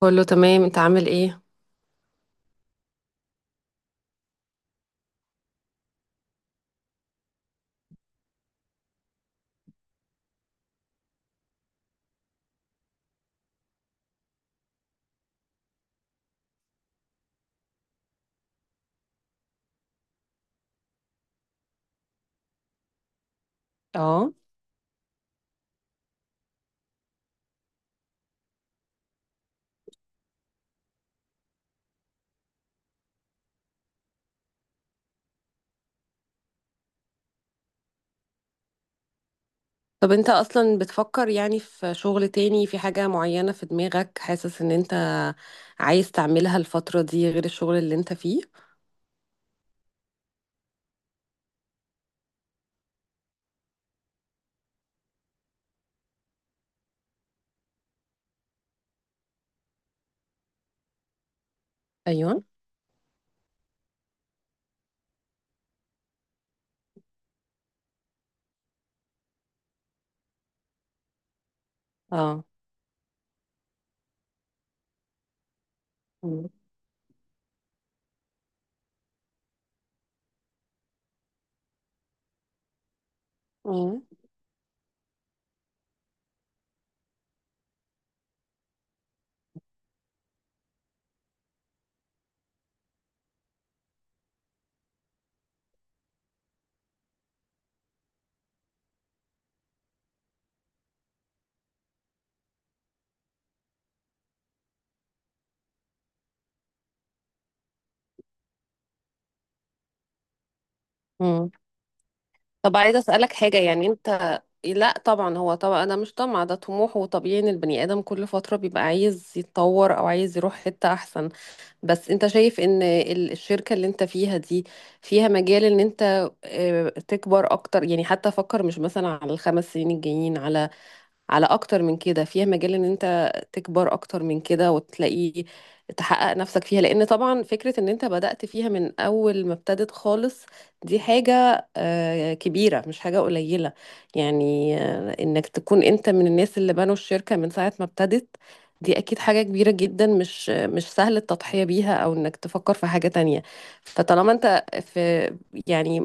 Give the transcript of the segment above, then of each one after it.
كله تمام، انت عامل ايه؟ اه. طب انت اصلا بتفكر يعني في شغل تاني، في حاجة معينة في دماغك، حاسس ان انت عايز تعملها الفترة دي غير الشغل اللي انت فيه؟ ايوه. اه. مم. مم. مم. طب عايزة اسألك حاجة، يعني انت. لا طبعا، هو طبعا انا مش طمع، ده طموح وطبيعي ان البني ادم كل فترة بيبقى عايز يتطور او عايز يروح حتة احسن. بس انت شايف ان الشركة اللي انت فيها دي فيها مجال ان انت تكبر اكتر، يعني حتى فكر مش مثلا على ال5 سنين الجايين، على اكتر من كده فيها مجال ان انت تكبر اكتر من كده وتلاقي تحقق نفسك فيها، لان طبعا فكرة ان انت بدأت فيها من اول ما ابتدت خالص دي حاجة كبيرة، مش حاجة قليلة، يعني انك تكون انت من الناس اللي بنوا الشركة من ساعة ما ابتدت، دي اكيد حاجة كبيرة جدا، مش سهل التضحية بيها او انك تفكر في حاجة تانية. فطالما انت في، يعني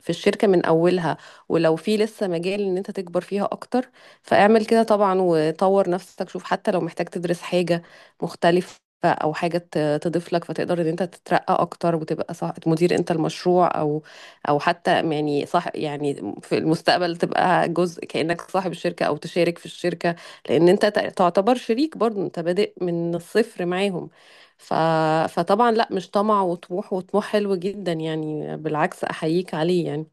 في الشركة من أولها، ولو في لسه مجال إن أنت تكبر فيها أكتر، فاعمل كده طبعا وطور نفسك، شوف حتى لو محتاج تدرس حاجة مختلفة أو حاجة تضيف لك، فتقدر إن أنت تترقى أكتر وتبقى صح مدير أنت المشروع، أو حتى يعني صح، يعني في المستقبل تبقى جزء كأنك صاحب الشركة أو تشارك في الشركة، لأن أنت تعتبر شريك برضه، أنت بادئ من الصفر معاهم. ف... فطبعا لا، مش طمع، وطموح وطموح حلو جدا، يعني بالعكس أحييك عليه يعني.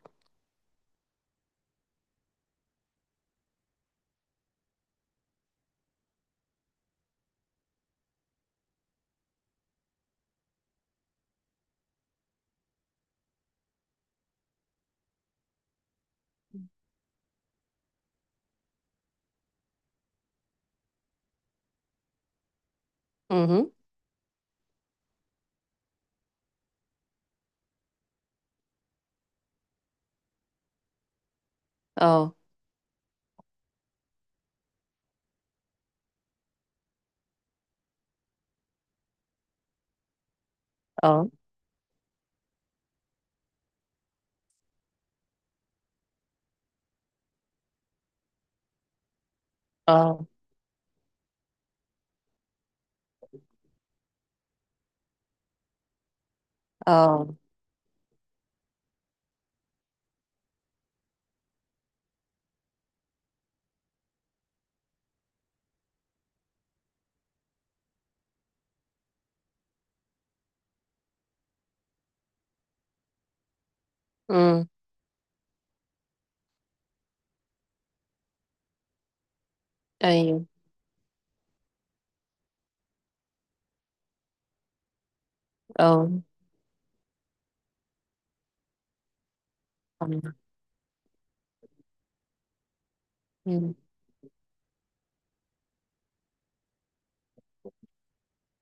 اها. اه. اه. اه. اه. امم. ايوه. اه.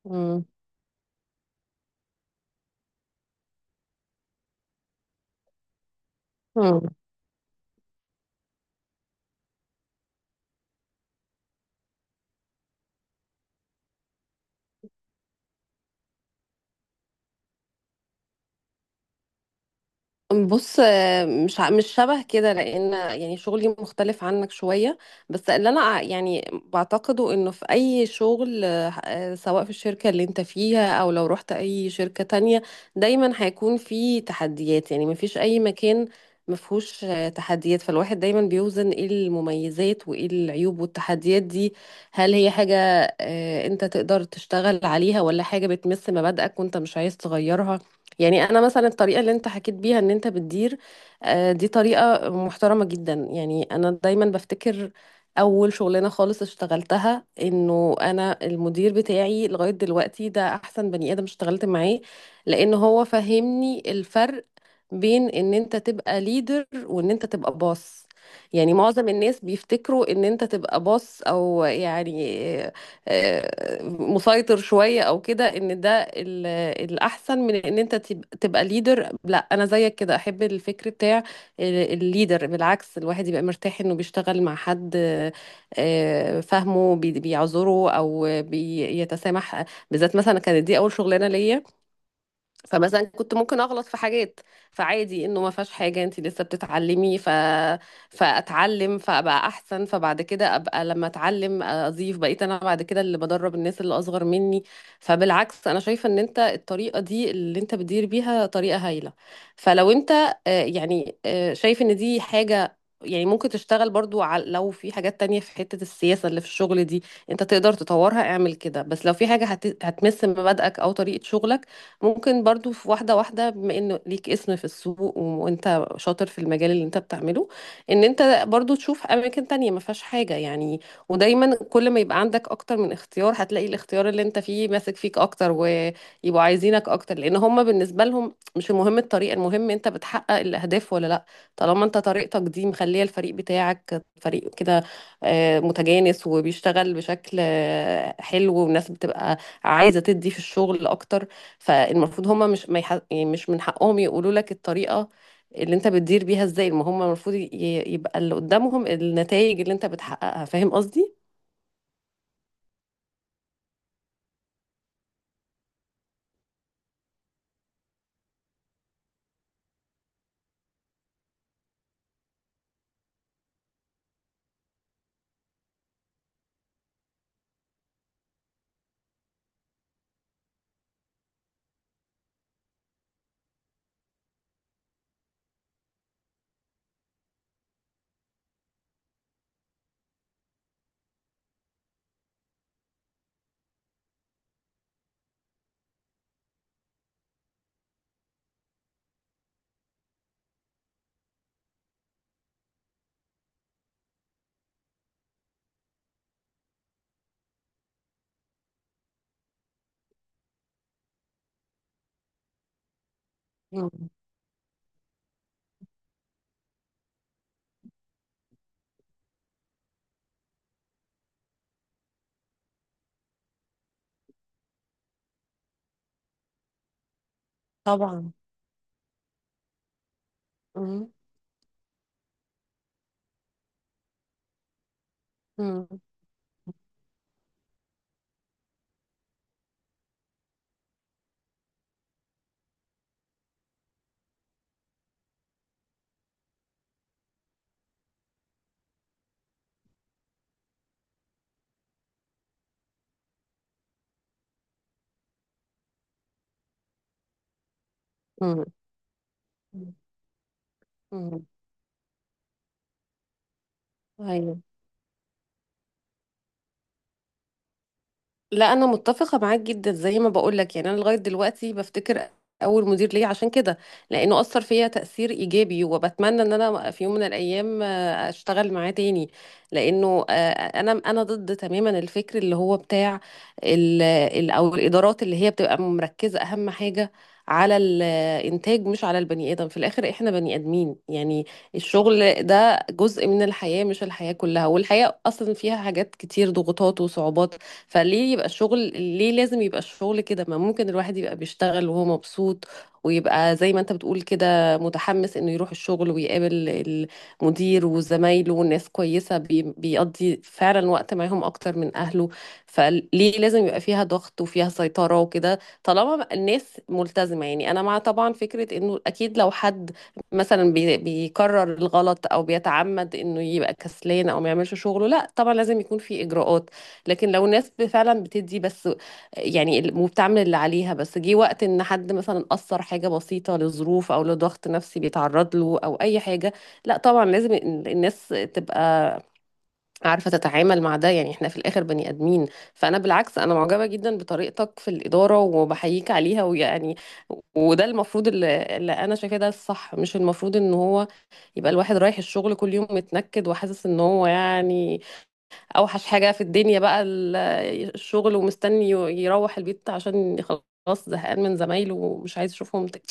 امم. بص، مش شبه كده، لان يعني شغلي مختلف عنك شويه. بس اللي انا يعني بعتقده انه في اي شغل، سواء في الشركه اللي انت فيها او لو رحت اي شركه تانية، دايما هيكون في تحديات، يعني مفيش اي مكان مفهوش تحديات، فالواحد دايما بيوزن ايه المميزات وايه العيوب والتحديات دي، هل هي حاجه انت تقدر تشتغل عليها، ولا حاجه بتمس مبادئك وانت مش عايز تغيرها. يعني انا مثلا الطريقه اللي انت حكيت بيها ان انت بتدير دي طريقه محترمه جدا، يعني انا دايما بفتكر اول شغلانه خالص اشتغلتها، انه انا المدير بتاعي لغايه دلوقتي ده احسن بني ادم اشتغلت معاه، لان هو فهمني الفرق بين ان انت تبقى ليدر وان انت تبقى باص. يعني معظم الناس بيفتكروا ان انت تبقى باص، او يعني مسيطر شوية او كده، ان ده ال- الاحسن من ان انت تبقى ليدر. لا، انا زيك كده احب الفكر بتاع الليدر، بالعكس الواحد يبقى مرتاح انه بيشتغل مع حد فاهمه، بيعذره او بيتسامح، بالذات مثلا كانت دي اول شغلانه ليا، فمثلا كنت ممكن اغلط في حاجات، فعادي انه ما فيهاش حاجه، انت لسه بتتعلمي. فاتعلم فابقى احسن، فبعد كده ابقى لما اتعلم اضيف، بقيت انا بعد كده اللي بدرب الناس اللي اصغر مني. فبالعكس انا شايفه ان انت الطريقه دي اللي انت بتدير بيها طريقه هايله. فلو انت شايف ان دي حاجه، يعني ممكن تشتغل برضو على، لو في حاجات تانية في حتة السياسة اللي في الشغل دي انت تقدر تطورها اعمل كده. بس لو في حاجة هتمس مبادئك او طريقة شغلك ممكن برضو في واحدة واحدة، بما انه ليك اسم في السوق وانت شاطر في المجال اللي انت بتعمله، ان انت برضو تشوف اماكن تانية ما فيهاش حاجة يعني. ودايما كل ما يبقى عندك اكتر من اختيار هتلاقي الاختيار اللي انت فيه ماسك فيك اكتر ويبقوا عايزينك اكتر، لان هم بالنسبة لهم مش المهم الطريقة، المهم انت بتحقق الاهداف ولا لا. طالما انت طريقتك دي مخلية الفريق بتاعك فريق كده متجانس وبيشتغل بشكل حلو، والناس بتبقى عايزة تدي في الشغل اكتر، فالمفروض هما مش ما يح... يعني مش من حقهم يقولوا لك الطريقة اللي انت بتدير بيها ازاي، ما هما المفروض يبقى اللي قدامهم النتائج اللي انت بتحققها، فاهم قصدي؟ مم. طبعا. مم. مم. مم. مم. مم. أيوة. لا انا متفقه معاك جدا، زي ما بقول لك، يعني انا لغايه دلوقتي بفتكر اول مدير ليا عشان كده، لانه اثر فيا تاثير ايجابي، وبتمنى ان انا في يوم من الايام اشتغل معاه تاني، لانه انا ضد تماما الفكر اللي هو بتاع او الادارات اللي هي بتبقى مركزه اهم حاجه على الانتاج مش على البني ادم. في الاخر احنا بني ادمين، يعني الشغل ده جزء من الحياه مش الحياه كلها، والحياه اصلا فيها حاجات كتير، ضغوطات وصعوبات، فليه يبقى الشغل، ليه لازم يبقى الشغل كده؟ ما ممكن الواحد يبقى بيشتغل وهو مبسوط، ويبقى زي ما انت بتقول كده متحمس انه يروح الشغل ويقابل المدير وزمايله، والناس كويسة، بيقضي فعلا وقت معاهم اكتر من اهله. فليه لازم يبقى فيها ضغط وفيها سيطرة وكده؟ طالما الناس ملتزمة، يعني انا مع طبعا فكرة انه اكيد لو حد مثلا بيكرر الغلط او بيتعمد انه يبقى كسلان او ما يعملش شغله، لا طبعا لازم يكون في اجراءات. لكن لو ناس فعلا بتدي بس، يعني وبتعمل اللي عليها، بس جه وقت ان حد مثلا اثر حاجه بسيطه لظروف او لضغط نفسي بيتعرض له او اي حاجه، لا طبعا لازم الناس تبقى عارفه تتعامل مع ده، يعني احنا في الاخر بني ادمين. فانا بالعكس انا معجبه جدا بطريقتك في الاداره وبحييك عليها، ويعني وده المفروض اللي انا شايفاه ده الصح، مش المفروض ان هو يبقى الواحد رايح الشغل كل يوم متنكد وحاسس ان هو يعني اوحش حاجة في الدنيا بقى الشغل، ومستني يروح البيت عشان خلاص زهقان من زمايله ومش عايز اشوفهم تاني.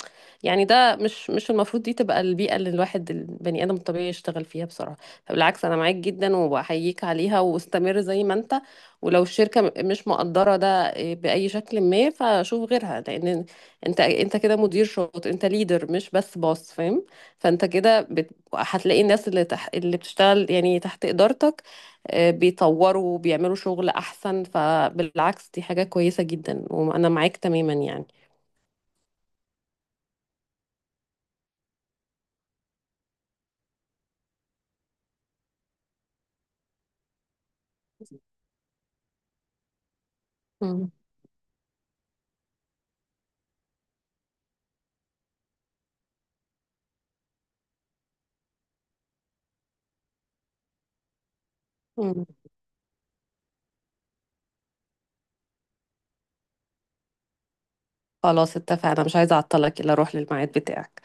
يعني ده مش المفروض دي تبقى البيئة اللي الواحد البني آدم الطبيعي يشتغل فيها بصراحة. بالعكس أنا معاك جدا وبحييك عليها، واستمر زي ما أنت. ولو الشركة مش مقدرة ده بأي شكل ما فشوف غيرها، لأن أنت كده مدير شاطر، أنت ليدر مش بس باص، فاهم؟ فأنت كده هتلاقي الناس اللي بتشتغل يعني تحت إدارتك بيطوروا وبيعملوا شغل أحسن، فبالعكس دي حاجة كويسة جدا وأنا معاك تماما يعني. مم. خلاص اتفقنا، مش عايزة اعطلك الا اروح للميعاد بتاعك.